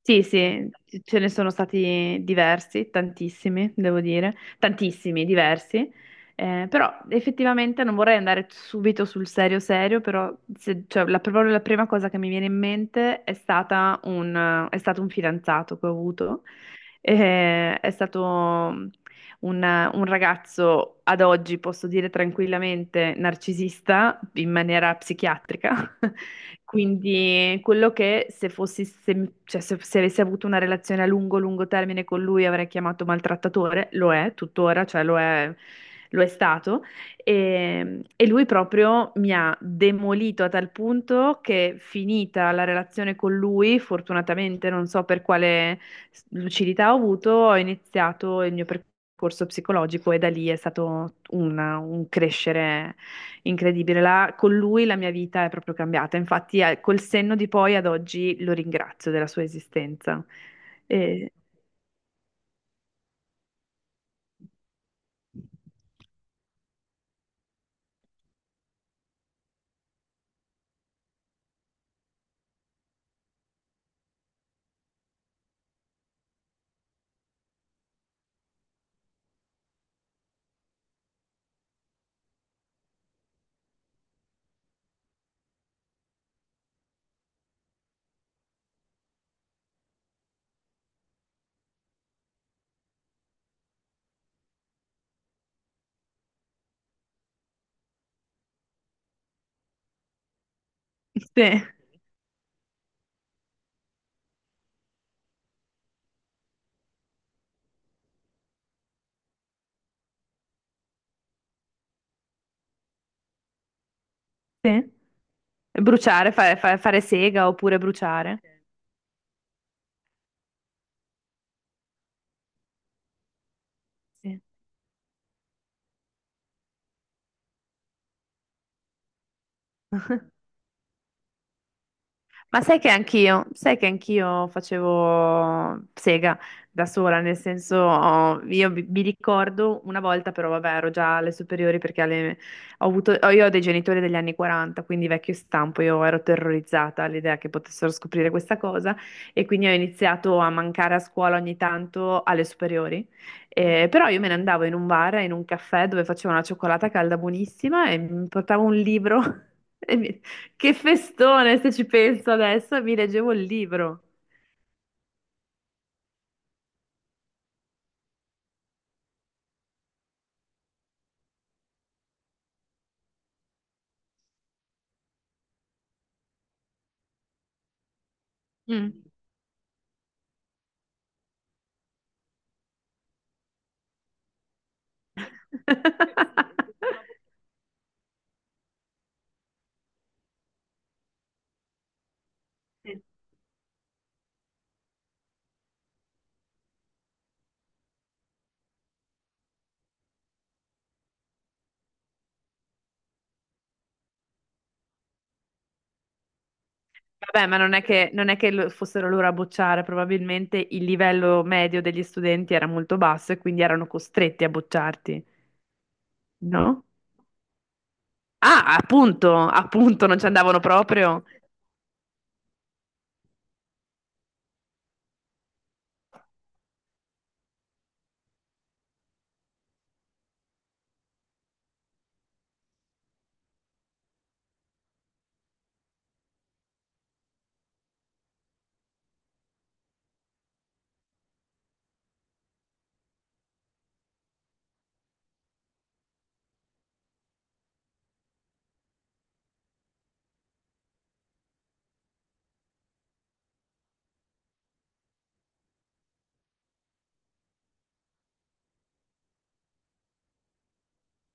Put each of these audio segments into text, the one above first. Sì, sì, ce ne sono stati diversi, tantissimi, devo dire, tantissimi, diversi. Però effettivamente non vorrei andare subito sul serio serio, però proprio la prima cosa che mi viene in mente è stato un fidanzato che ho avuto. È stato un, un ragazzo ad oggi, posso dire tranquillamente, narcisista in maniera psichiatrica. Quindi quello che se fossi, se, cioè, se- se avessi avuto una relazione a lungo, lungo termine con lui avrei chiamato maltrattatore, lo è tuttora, cioè lo è stato. E lui proprio mi ha demolito a tal punto che finita la relazione con lui, fortunatamente non so per quale lucidità ho avuto, ho iniziato il mio percorso psicologico e da lì è stato un crescere incredibile. La- con lui la mia vita è proprio cambiata, infatti col senno di poi ad oggi lo ringrazio della sua esistenza. E- Sì, sì. Bruciare, fare sega oppure bruciare. Sì. Ma sai che anch'io facevo sega da sola, nel senso, oh, io mi ricordo una volta, però vabbè, ero già alle superiori perché alle- ho avuto, ho- io ho dei genitori degli anni 40, quindi vecchio stampo, io ero terrorizzata all'idea che potessero scoprire questa cosa e quindi ho iniziato a mancare a scuola ogni tanto alle superiori. Però io me ne andavo in un bar, in un caffè dove facevo una cioccolata calda buonissima e mi portavo un libro. E mi, che festone, se ci penso adesso, e mi leggevo il libro. Mm. Vabbè, ma non è che fossero loro a bocciare, probabilmente il livello medio degli studenti era molto basso e quindi erano costretti a bocciarti, no? Ah, appunto, appunto, non ci andavano proprio.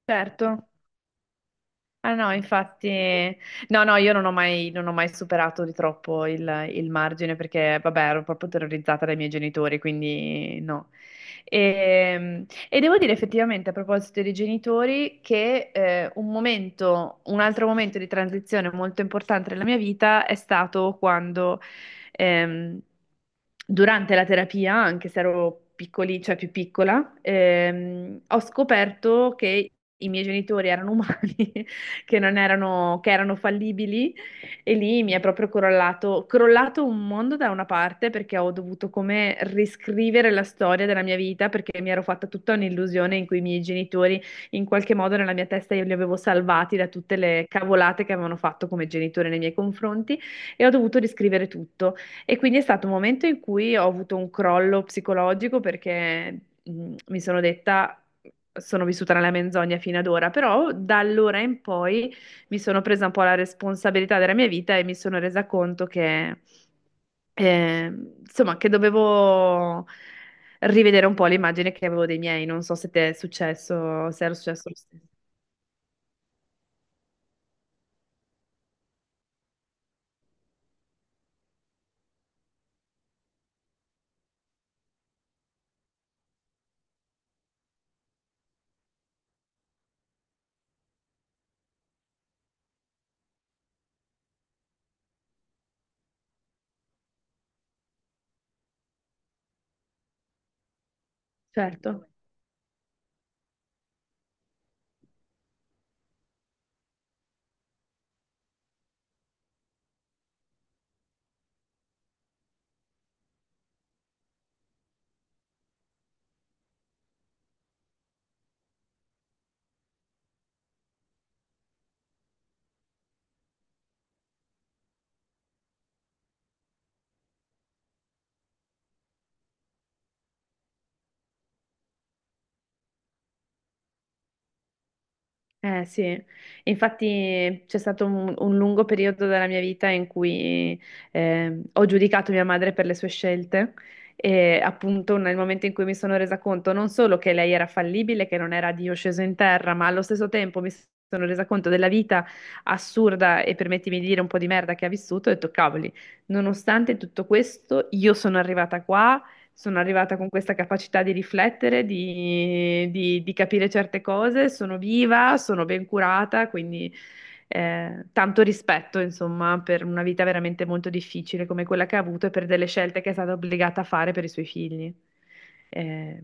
Certo. Ah no, infatti, no, no, io non ho mai superato di troppo il margine perché, vabbè, ero proprio terrorizzata dai miei genitori, quindi no. E, e devo dire effettivamente, a proposito dei genitori, che un altro momento di transizione molto importante nella mia vita è stato quando, ehm, durante la terapia, anche se ero piccoli, cioè più piccola, ho scoperto che i miei genitori erano umani che non erano, che erano fallibili e lì mi è proprio crollato un mondo da una parte perché ho dovuto come riscrivere la storia della mia vita perché mi ero fatta tutta un'illusione in cui i miei genitori in qualche modo nella mia testa io li avevo salvati da tutte le cavolate che avevano fatto come genitori nei miei confronti e ho dovuto riscrivere tutto. E quindi è stato un momento in cui ho avuto un crollo psicologico perché mi sono detta sono vissuta nella menzogna fino ad ora, però da allora in poi mi sono presa un po' la responsabilità della mia vita e mi sono resa conto che, eh, insomma, che dovevo rivedere un po' l'immagine che avevo dei miei. Non so se ti è successo, se era successo lo stesso. Certo. Eh sì, infatti c'è stato un lungo periodo della mia vita in cui ho giudicato mia madre per le sue scelte e appunto nel momento in cui mi sono resa conto non solo che lei era fallibile, che non era Dio sceso in terra, ma allo stesso tempo mi sono resa conto della vita assurda e permettimi di dire un po' di merda che ha vissuto e ho detto, cavoli, nonostante tutto questo io sono arrivata qua, sono arrivata con questa capacità di riflettere, di capire certe cose, sono viva, sono ben curata, quindi tanto rispetto, insomma, per una vita veramente molto difficile come quella che ha avuto e per delle scelte che è stata obbligata a fare per i suoi figli. Eh,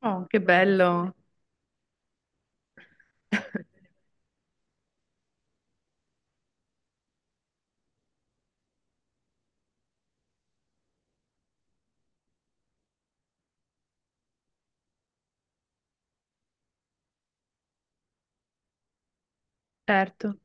oh, che bello! Certo.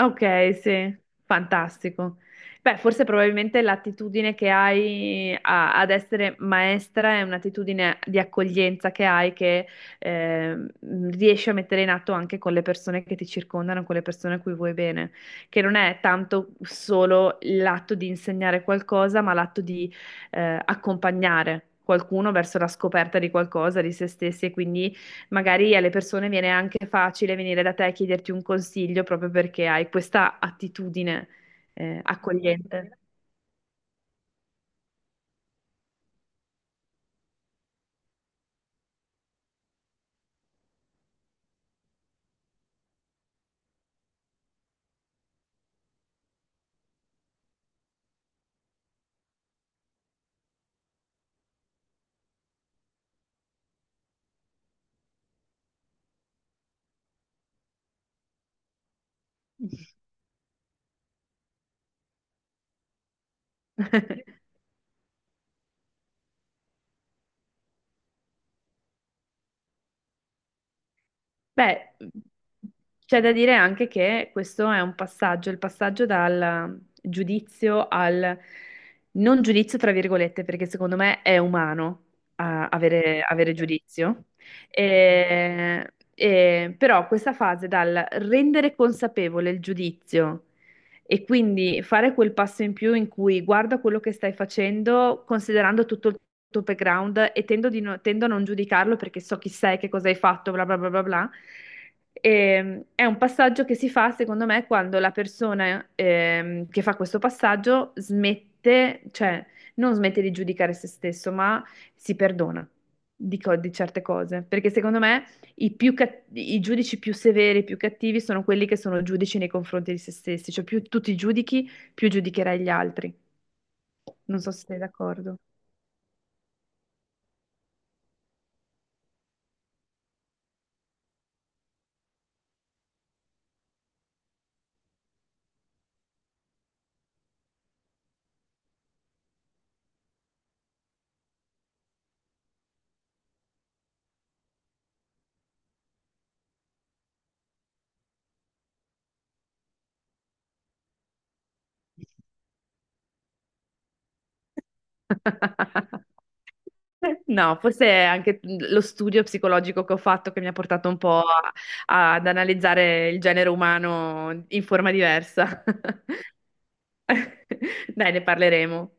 Ok, sì, fantastico. Beh, forse probabilmente l'attitudine che hai ad essere maestra è un'attitudine di accoglienza che hai che ehm, riesci a mettere in atto anche con le persone che ti circondano, con le persone a cui vuoi bene, che non è tanto solo l'atto di insegnare qualcosa, ma l'atto di accompagnare qualcuno verso la scoperta di qualcosa, di se stessi e quindi magari alle persone viene anche facile venire da te e chiederti un consiglio proprio perché hai questa attitudine, accogliente. Beh, c'è da dire anche che questo è un passaggio, il passaggio dal giudizio al non giudizio, tra virgolette, perché secondo me è umano ah, avere, avere giudizio. E- però questa fase dal rendere consapevole il giudizio e quindi fare quel passo in più in cui guarda quello che stai facendo, considerando tutto il tuo background e tendo, di no- tendo a non giudicarlo perché so chi sei, che cosa hai fatto, bla bla bla bla bla. È un passaggio che si fa, secondo me, quando la persona che fa questo passaggio smette, cioè non smette di giudicare se stesso, ma si perdona di certe cose. Perché secondo me i giudici più severi, i più cattivi sono quelli che sono giudici nei confronti di se stessi. Cioè più tu ti giudichi, più giudicherai gli altri. Non so se sei d'accordo. No, forse è anche lo studio psicologico che ho fatto che mi ha portato un po' ad analizzare il genere umano in forma diversa. Dai, ne parleremo.